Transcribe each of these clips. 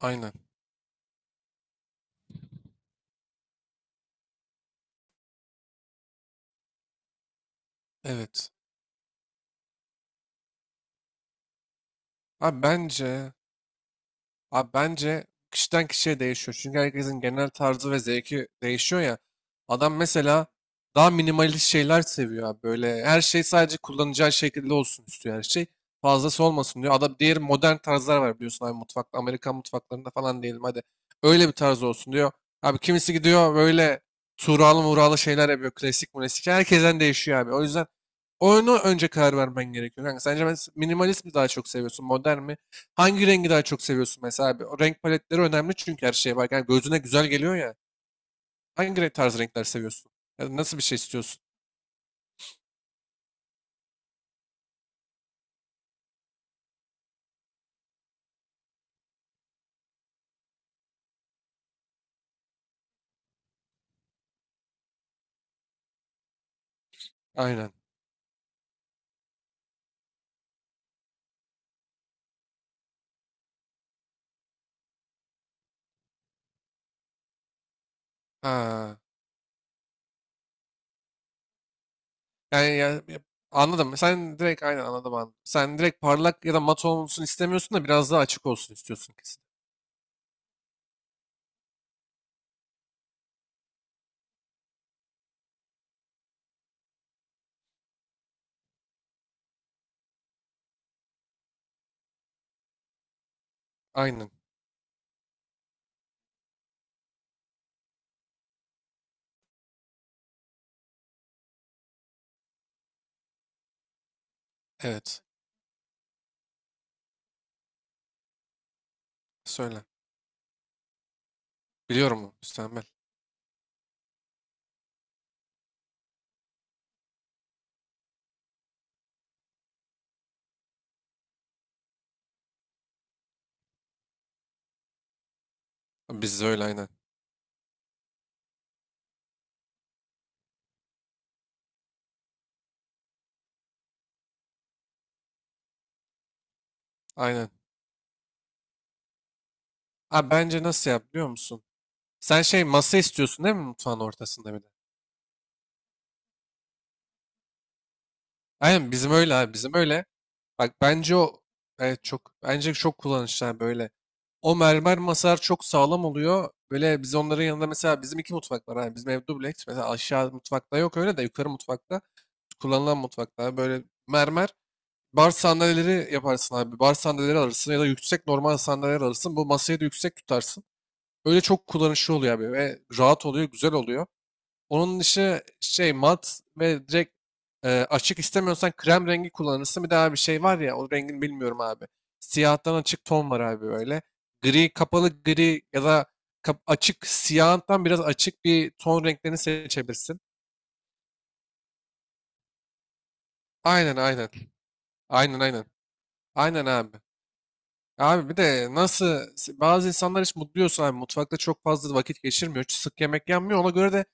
Aynen. Evet. Abi bence Abi bence kişiden kişiye değişiyor. Çünkü herkesin genel tarzı ve zevki değişiyor ya. Adam mesela daha minimalist şeyler seviyor abi. Böyle her şey sadece kullanacağı şekilde olsun istiyor her şey. Fazlası olmasın diyor. Adam diğer modern tarzlar var biliyorsun abi mutfakta. Amerikan mutfaklarında falan diyelim hadi. Öyle bir tarz olsun diyor. Abi kimisi gidiyor böyle tuğralı muğralı şeyler yapıyor. Klasik klasik. Herkesten değişiyor abi. O yüzden oyunu önce karar vermen gerekiyor. Kanka sence minimalist mi daha çok seviyorsun? Modern mi? Hangi rengi daha çok seviyorsun mesela abi? O renk paletleri önemli çünkü her şeye bak. Yani gözüne güzel geliyor ya. Hangi renk, tarz renkler seviyorsun? Ya da nasıl bir şey istiyorsun? Aynen. Ha. Yani ya, ya- Anladım. Sen direkt aynen anladım. Sen direkt parlak ya da mat olsun istemiyorsun da biraz daha açık olsun istiyorsun kesin. Aynen. Evet. Söyle. Biliyorum onu. Müstakbel. Biz de öyle aynen. Aynen. Abi bence nasıl yap biliyor musun? Sen şey masa istiyorsun değil mi mutfağın ortasında bir de? Aynen bizim öyle abi bizim öyle. Bak bence o evet çok bence çok kullanışlı böyle. O mermer masalar çok sağlam oluyor. Böyle biz onların yanında mesela bizim iki mutfak var. Yani bizim ev dubleks. Mesela aşağı mutfakta yok öyle de yukarı mutfakta kullanılan mutfakta böyle mermer bar sandalyeleri yaparsın abi. Bar sandalyeleri alırsın ya da yüksek normal sandalyeler alırsın. Bu masayı da yüksek tutarsın. Öyle çok kullanışlı oluyor abi ve rahat oluyor, güzel oluyor. Onun dışı şey mat ve direkt açık istemiyorsan krem rengi kullanırsın. Bir daha bir şey var ya o rengini bilmiyorum abi. Siyahtan açık ton var abi böyle. Gri kapalı gri ya da açık siyahtan biraz açık bir ton renklerini seçebilirsin. Aynen aynen. Aynen aynen. Aynen abi. Abi bir de nasıl bazı insanlar hiç mutlu abi mutfakta çok fazla vakit geçirmiyor. Sık yemek yenmiyor. Ona göre de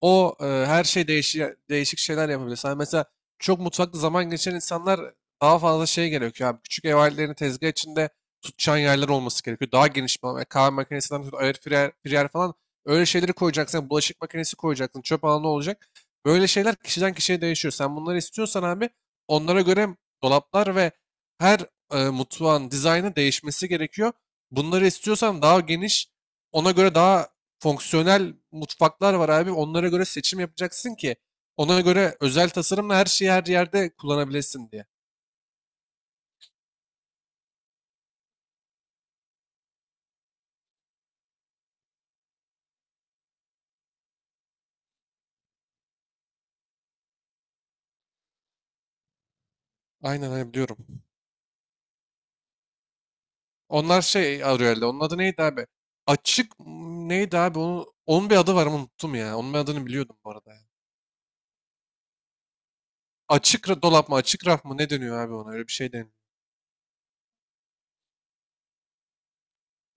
o her şey değişik, değişik şeyler yapabilir. Sen mesela çok mutfakta zaman geçiren insanlar daha fazla şey gerekiyor abi. Küçük ev aletlerini tezgah içinde tutacağın yerler olması gerekiyor. Daha geniş bir alan. Yani kahve makinesinden tut, air fryer, fryer falan öyle şeyleri koyacaksın. Yani bulaşık makinesi koyacaksın. Çöp alanı olacak. Böyle şeyler kişiden kişiye değişiyor. Sen bunları istiyorsan abi onlara göre dolaplar ve her mutfağın dizaynı değişmesi gerekiyor. Bunları istiyorsan daha geniş, ona göre daha fonksiyonel mutfaklar var abi. Onlara göre seçim yapacaksın ki ona göre özel tasarımla her şeyi her yerde kullanabilesin diye. Aynen aynen biliyorum. Onlar şey arıyor herhalde. Onun adı neydi abi? Açık m, neydi abi? Onun bir adı var ama unuttum ya. Onun bir adını biliyordum bu arada ya. Açık dolap mı? Açık raf mı? Ne dönüyor abi ona? Öyle bir şey deniyor.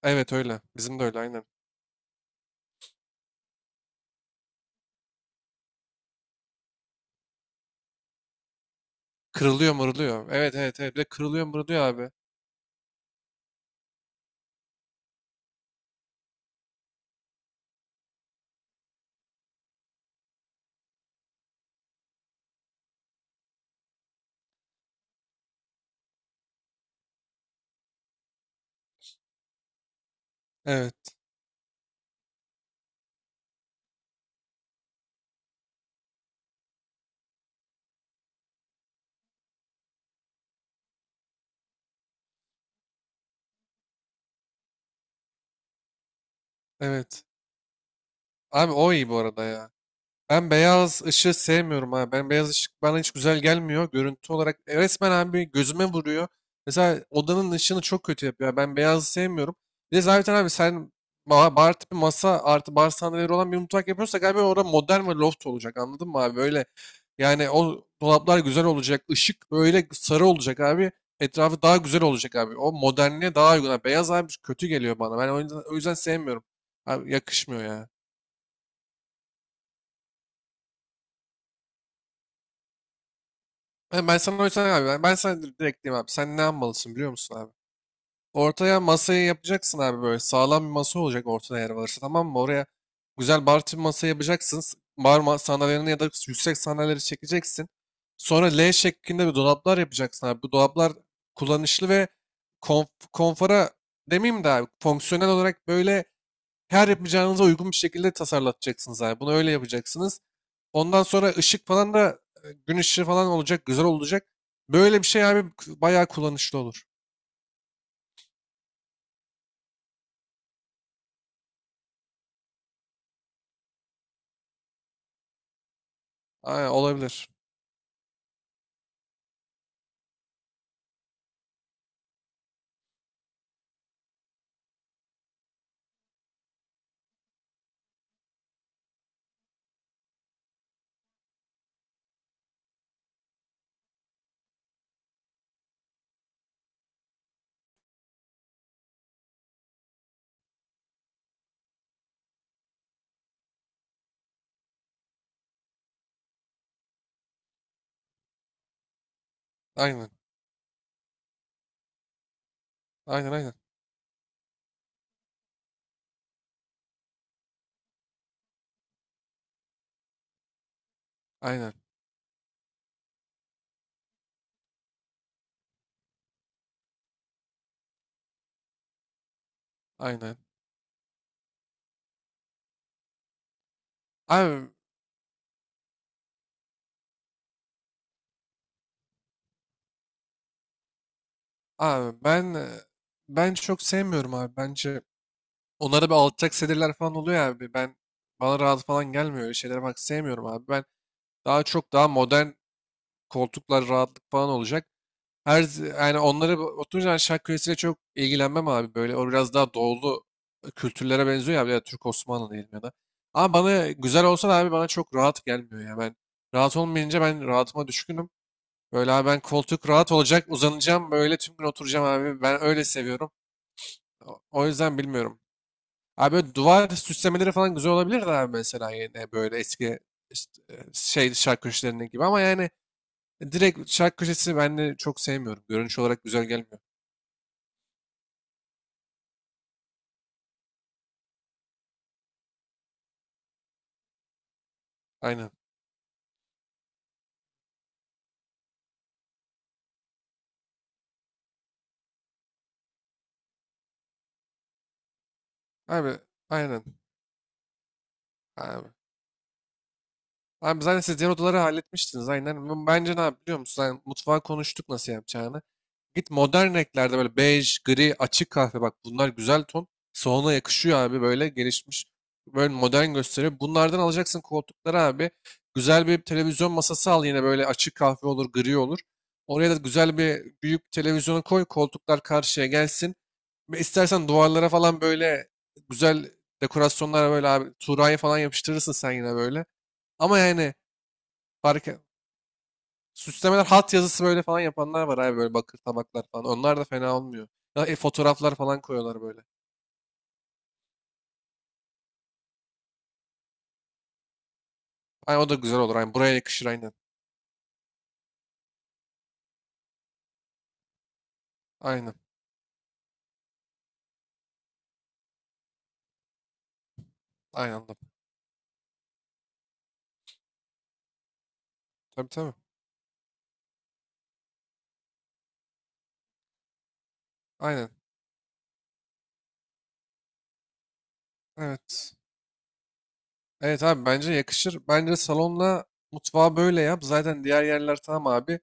Evet öyle. Bizim de öyle aynen. Kırılıyor mırılıyor. Evet. Bir de kırılıyor mırılıyor abi. Evet. Evet. Abi o iyi bu arada ya. Ben beyaz ışığı sevmiyorum abi. Ben beyaz ışık bana hiç güzel gelmiyor. Görüntü olarak resmen abi gözüme vuruyor. Mesela odanın ışığını çok kötü yapıyor. Ben beyazı sevmiyorum. Bir de zaten abi sen bar tipi masa artı bar sandalyeleri olan bir mutfak yapıyorsak abi orada modern ve loft olacak anladın mı abi? Böyle yani o dolaplar güzel olacak. Işık böyle sarı olacak abi. Etrafı daha güzel olacak abi. O modernliğe daha uygun abi. Beyaz abi kötü geliyor bana. Ben o yüzden sevmiyorum. Abi yakışmıyor ya. Ben sana o yüzden abi ben sana direkt diyeyim abi sen ne yapmalısın biliyor musun abi? Ortaya masayı yapacaksın abi böyle sağlam bir masa olacak ortada yer varsa tamam mı? Oraya güzel bar tipi masa yapacaksın. Bar sandalyelerini ya da yüksek sandalyeleri çekeceksin. Sonra L şeklinde bir dolaplar yapacaksın abi. Bu dolaplar kullanışlı ve konf konfora demeyeyim de abi fonksiyonel olarak böyle her yapacağınıza uygun bir şekilde tasarlatacaksınız abi. Bunu öyle yapacaksınız. Ondan sonra ışık falan da gün ışığı falan olacak. Güzel olacak. Böyle bir şey abi bayağı kullanışlı olur. Aynen, olabilir. Aynen. Aynen aynen. Aynen. Aynen. Abi, abi ben e, ben çok sevmiyorum abi. Bence onlara bir alçak sedirler falan oluyor abi. Ben bana rahat falan gelmiyor. Öyle şeylere bak sevmiyorum abi. Ben daha çok daha modern koltuklar rahatlık falan olacak. Her yani onları oturunca ben şark kölesiyle çok ilgilenmem abi. Böyle o biraz daha doğulu kültürlere benziyor ya. Bir de Türk Osmanlı diyelim ya da. Ama bana güzel olsa da abi bana çok rahat gelmiyor ya. Ben rahat olmayınca ben rahatıma düşkünüm. Böyle abi ben koltuk rahat olacak uzanacağım böyle tüm gün oturacağım abi. Ben öyle seviyorum. O yüzden bilmiyorum. Abi böyle duvar süslemeleri falan güzel olabilir de abi mesela yine böyle eski işte, şark köşelerinin gibi. Ama yani direkt şark köşesi ben de çok sevmiyorum. Görünüş olarak güzel gelmiyor. Aynen. Abi aynen abi. Abi zaten siz diğer odaları halletmiştiniz aynen. Bence ne yap biliyor musun? Yani mutfağı konuştuk nasıl yapacağını. Git modern renklerde böyle bej, gri, açık kahve bak bunlar güzel ton. Salona yakışıyor abi böyle gelişmiş. Böyle modern gösteriyor. Bunlardan alacaksın koltukları abi. Güzel bir televizyon masası al yine böyle açık kahve olur, gri olur. Oraya da güzel bir büyük televizyonu koy. Koltuklar karşıya gelsin. Ve İstersen duvarlara falan böyle güzel dekorasyonlara böyle abi Tuğra'yı falan yapıştırırsın sen yine böyle. Ama yani fark e- süslemeler hat yazısı böyle falan yapanlar var abi böyle bakır tabaklar falan. Onlar da fena olmuyor. Ya, fotoğraflar falan koyuyorlar böyle. Ay o da güzel olur. Aynen. Buraya yakışır aynen. Aynen. Aynen, anladım. Tabii tabii. Aynen. Evet. Evet abi bence yakışır. Bence salonla mutfağı böyle yap. Zaten diğer yerler tamam abi.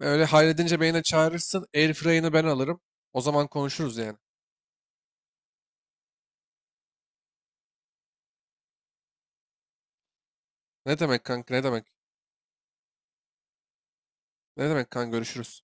Öyle halledince beni de çağırırsın. Airfryer'ını ben alırım. O zaman konuşuruz yani. Ne demek kanka ne demek? Ne demek kanka görüşürüz.